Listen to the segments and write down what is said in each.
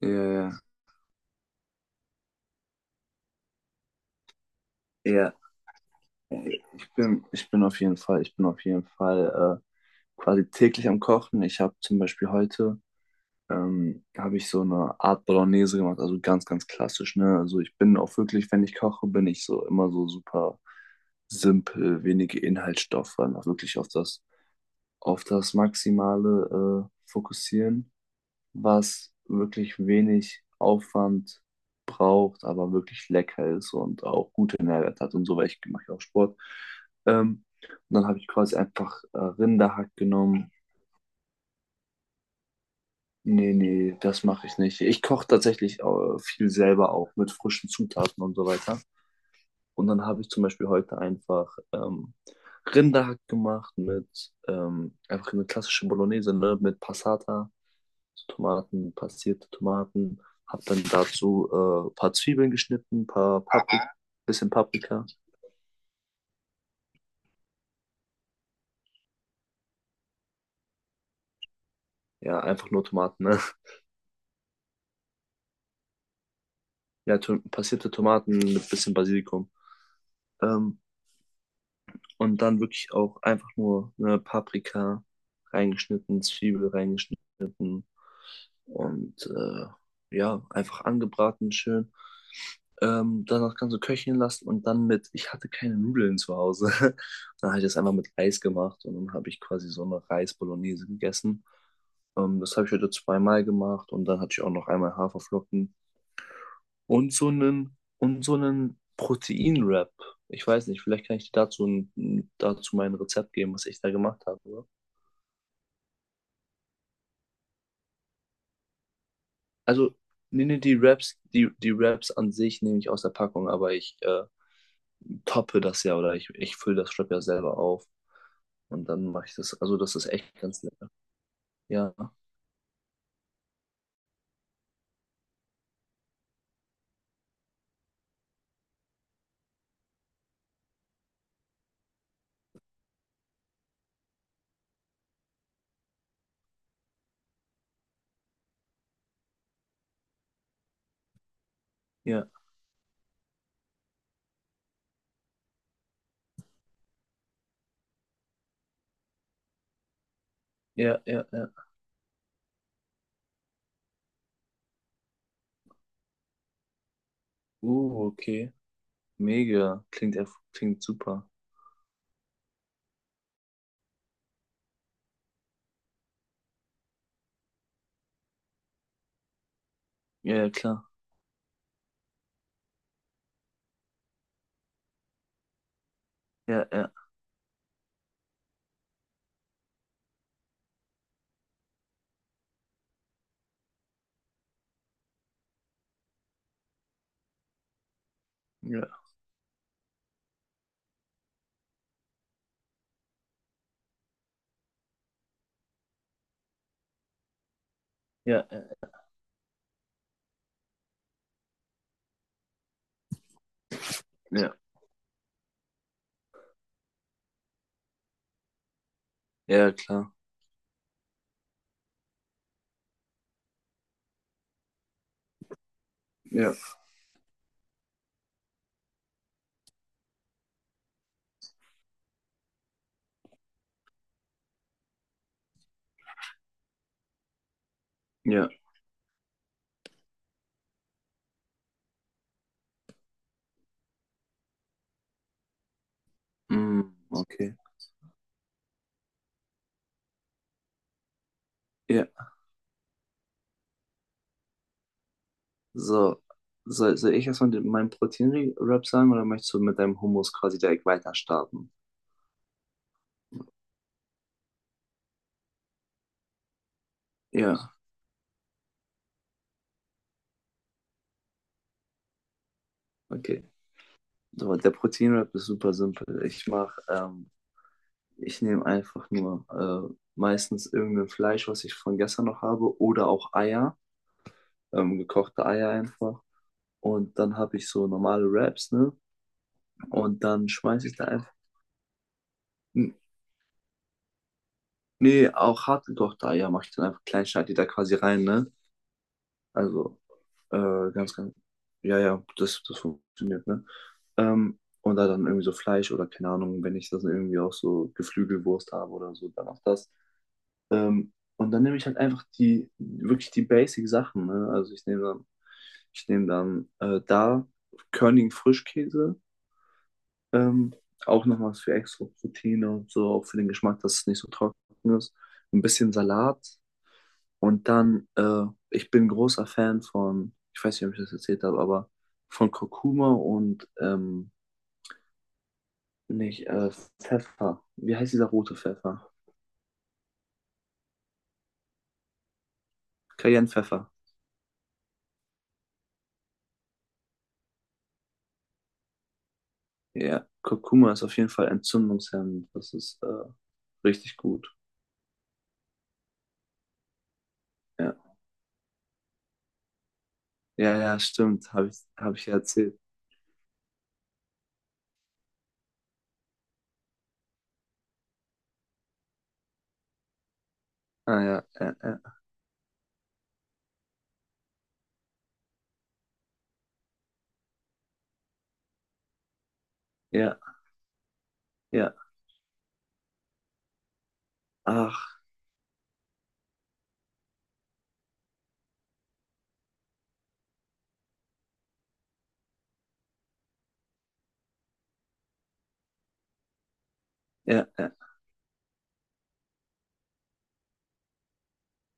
Ja, ja, ja. Ich bin auf jeden Fall, ich bin auf jeden Fall quasi täglich am Kochen. Ich habe zum Beispiel heute habe ich so eine Art Bolognese gemacht, also ganz, ganz klassisch, ne? Also ich bin auch wirklich, wenn ich koche, bin ich so immer so super simpel, wenige Inhaltsstoffe, einfach wirklich auf das Maximale fokussieren. Was wirklich wenig Aufwand braucht, aber wirklich lecker ist und auch gute Nährwerte hat und so, weil ich mache ja auch Sport. Ähm, und dann habe ich quasi einfach Rinderhack genommen. Nee, nee, das mache ich nicht. Ich koche tatsächlich viel selber auch mit frischen Zutaten und so weiter. Und dann habe ich zum Beispiel heute einfach Rinderhack gemacht mit einfach eine klassische Bolognese, ne, mit Passata Tomaten, passierte Tomaten. Habe dann dazu ein paar Zwiebeln geschnitten, ein paar Pap bisschen Paprika. Ja, einfach nur Tomaten. Ne? Ja, to passierte Tomaten mit ein bisschen Basilikum. Ähm, Und dann wirklich auch einfach nur eine Paprika reingeschnitten, Zwiebel reingeschnitten und ja, einfach angebraten schön. Danach kannst du köcheln lassen und dann mit, ich hatte keine Nudeln zu Hause. Dann habe ich das einfach mit Reis gemacht und dann habe ich quasi so eine Reis-Bolognese gegessen. Das habe ich heute zweimal gemacht und dann hatte ich auch noch einmal Haferflocken und so einen Protein-Wrap. Ich weiß nicht, vielleicht kann ich dir dazu, dazu mein Rezept geben, was ich da gemacht habe. Oder? Also, nee, nee, die Wraps, die Wraps an sich nehme ich aus der Packung, aber ich toppe das ja oder ich fülle das Wrap ja selber auf und dann mache ich das. Also, das ist echt ganz lecker. Ja, ja, ja, ja, ja. Okay. Mega. Klingt, klingt super. Ja, ja, klar. Ja, ja, ja, ja, ja, ja, ja, klar. Ja, ja. Mm, okay. Ja, so. Soll ich erstmal den, meinen Proteinrap sagen oder möchtest du mit deinem Hummus quasi direkt weiter starten? Ja, okay. So, der Proteinrap ist super simpel. Ich mache, ich nehme einfach nur meistens irgendein Fleisch, was ich von gestern noch habe, oder auch Eier, gekochte Eier einfach. Und dann habe ich so normale Wraps, ne? Und dann schmeiße ich da einfach, N- auch hartgekochte Eier mache ich dann einfach klein, schneide die da quasi rein, ne? Also ganz, ganz. Ja, ja, das, das funktioniert, ne? Und da dann irgendwie so Fleisch oder keine Ahnung, wenn ich das irgendwie auch so Geflügelwurst habe oder so, dann auch das. Ähm, und dann nehme ich halt einfach die, wirklich die Basic-Sachen, ne? Also ich nehme dann da körnigen Frischkäse, ähm, auch nochmal für extra Proteine und so, auch für den Geschmack, dass es nicht so trocken ist. Ein bisschen Salat, und dann, ich bin großer Fan von, ich weiß nicht, ob ich das erzählt habe, aber von Kurkuma und nicht Pfeffer. Wie heißt dieser rote Pfeffer? Cayenne-Pfeffer. Ja, Kurkuma ist auf jeden Fall entzündungshemmend. Das ist Richtig gut. Ja, ja, ja, stimmt. Hab ich ja erzählt. Ah, ja, ja, ja, ja, ja. Ach, ja, ja.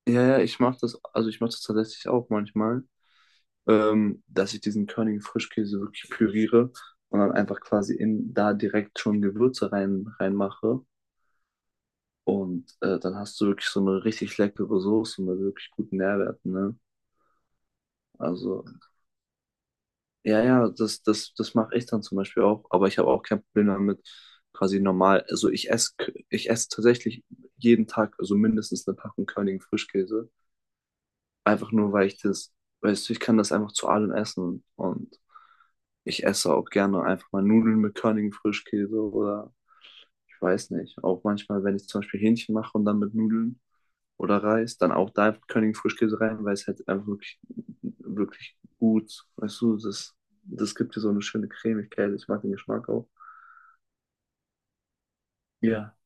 Ja, ja, ich mache das, also ich mache das tatsächlich auch manchmal. Dass ich diesen körnigen Frischkäse wirklich püriere und dann einfach quasi in da direkt schon Gewürze reinmache. Und dann hast du wirklich so eine richtig leckere Soße mit wirklich guten Nährwerten, ne? Also, ja, ja, das mache ich dann zum Beispiel auch, aber ich habe auch kein Problem damit, quasi normal. Also ich esse tatsächlich jeden Tag, also mindestens eine Packung körnigen Frischkäse. Einfach nur, weil ich das, weißt du, ich kann das einfach zu allem essen und ich esse auch gerne einfach mal Nudeln mit körnigem Frischkäse oder ich weiß nicht. Auch manchmal, wenn ich zum Beispiel Hähnchen mache und dann mit Nudeln oder Reis, dann auch da einfach körnigen Frischkäse rein, weil es halt einfach wirklich gut, weißt du, das gibt dir so eine schöne Cremigkeit. Ich mag den Geschmack auch. Ja.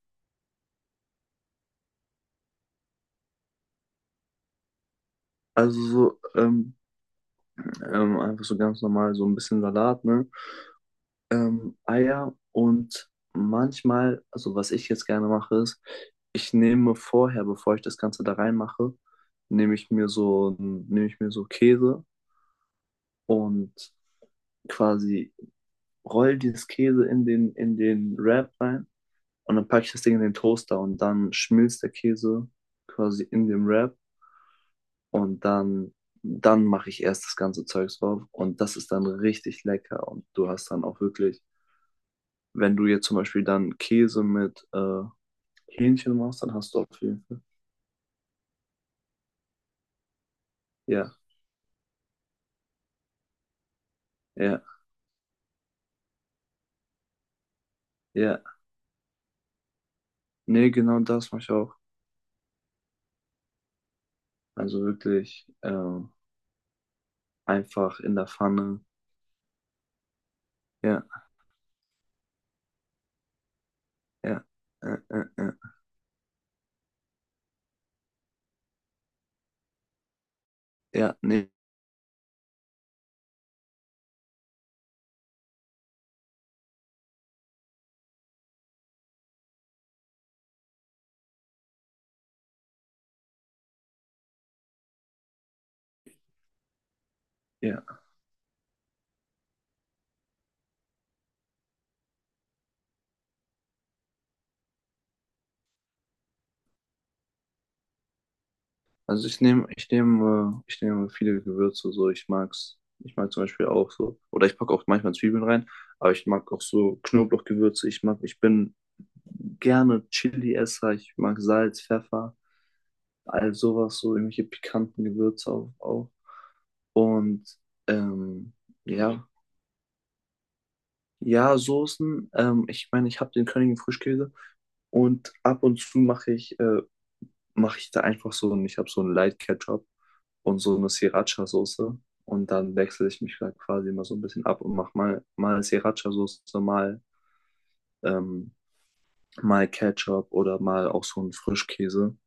Also so, einfach so ganz normal, so ein bisschen Salat, ne? Eier und manchmal, also was ich jetzt gerne mache, ist, ich nehme vorher, bevor ich das Ganze da reinmache, nehme ich mir so Käse und quasi roll dieses Käse in den Wrap rein und dann packe ich das Ding in den Toaster und dann schmilzt der Käse quasi in dem Wrap und dann, dann mache ich erst das ganze Zeugs drauf und das ist dann richtig lecker und du hast dann auch wirklich, wenn du jetzt zum Beispiel dann Käse mit Hähnchen machst, dann hast du auf jeden Fall. Ja, ja, ja. Nee, genau das mache ich auch. Also wirklich einfach in der Pfanne. Ja, ja, äh, äh, äh. Ja, nee, ja. Also ich nehme viele Gewürze so. Ich mag's. Ich mag zum Beispiel auch so. Oder ich packe auch manchmal Zwiebeln rein, aber ich mag auch so Knoblauchgewürze. Ich bin gerne Chili-Esser. Ich mag Salz, Pfeffer, all sowas, so irgendwelche pikanten Gewürze auch. Und ähm, ja, ja, Soßen. Ich meine, ich habe den Königin Frischkäse und ab und zu mache ich da einfach so und ich habe so einen Light Ketchup und so eine Sriracha-Soße. Und dann wechsle ich mich da quasi immer so ein bisschen ab und mache mal Sriracha-Soße, mal, ähm, mal Ketchup oder mal auch so einen Frischkäse.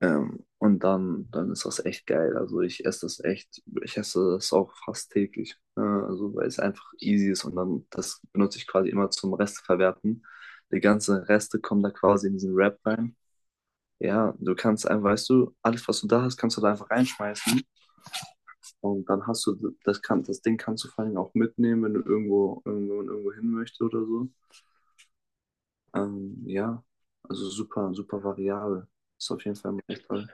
Und dann, dann ist das echt geil. Also ich esse das auch fast täglich. Also weil es einfach easy ist und dann das benutze ich quasi immer zum Resteverwerten. Die ganzen Reste kommen da quasi in diesen Wrap rein. Ja, du kannst einfach, weißt du, alles, was du da hast, kannst du da einfach reinschmeißen. Und dann hast du, das Ding kannst du vor allem auch mitnehmen, wenn du irgendwo, wenn man irgendwo hin möchte oder so. Ja, also super, super variabel. Ist auf jeden Fall echt toll.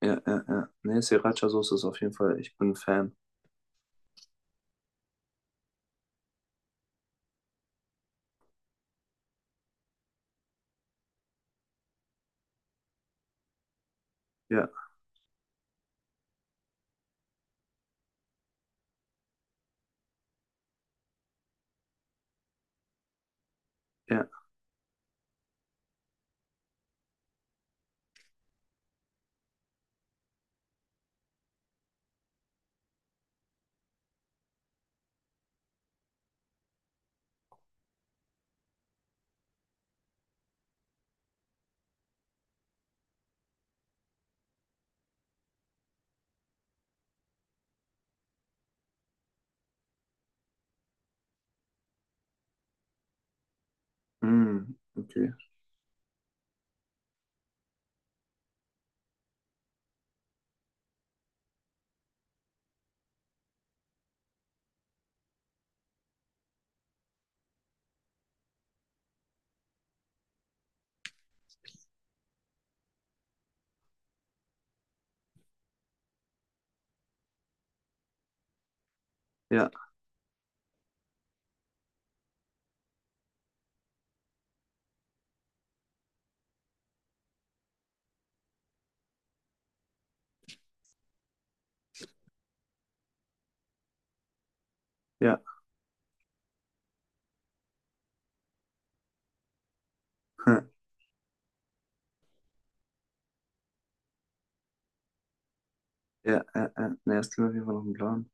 Ja, ja, ja. Nee, Sriracha-Soße ist auf jeden Fall, ich bin ein Fan. Ja, ja. Mm, okay. Ja, ja. Ja, ja, ja. Nee, das klingt auf jeden Fall noch ein Plan.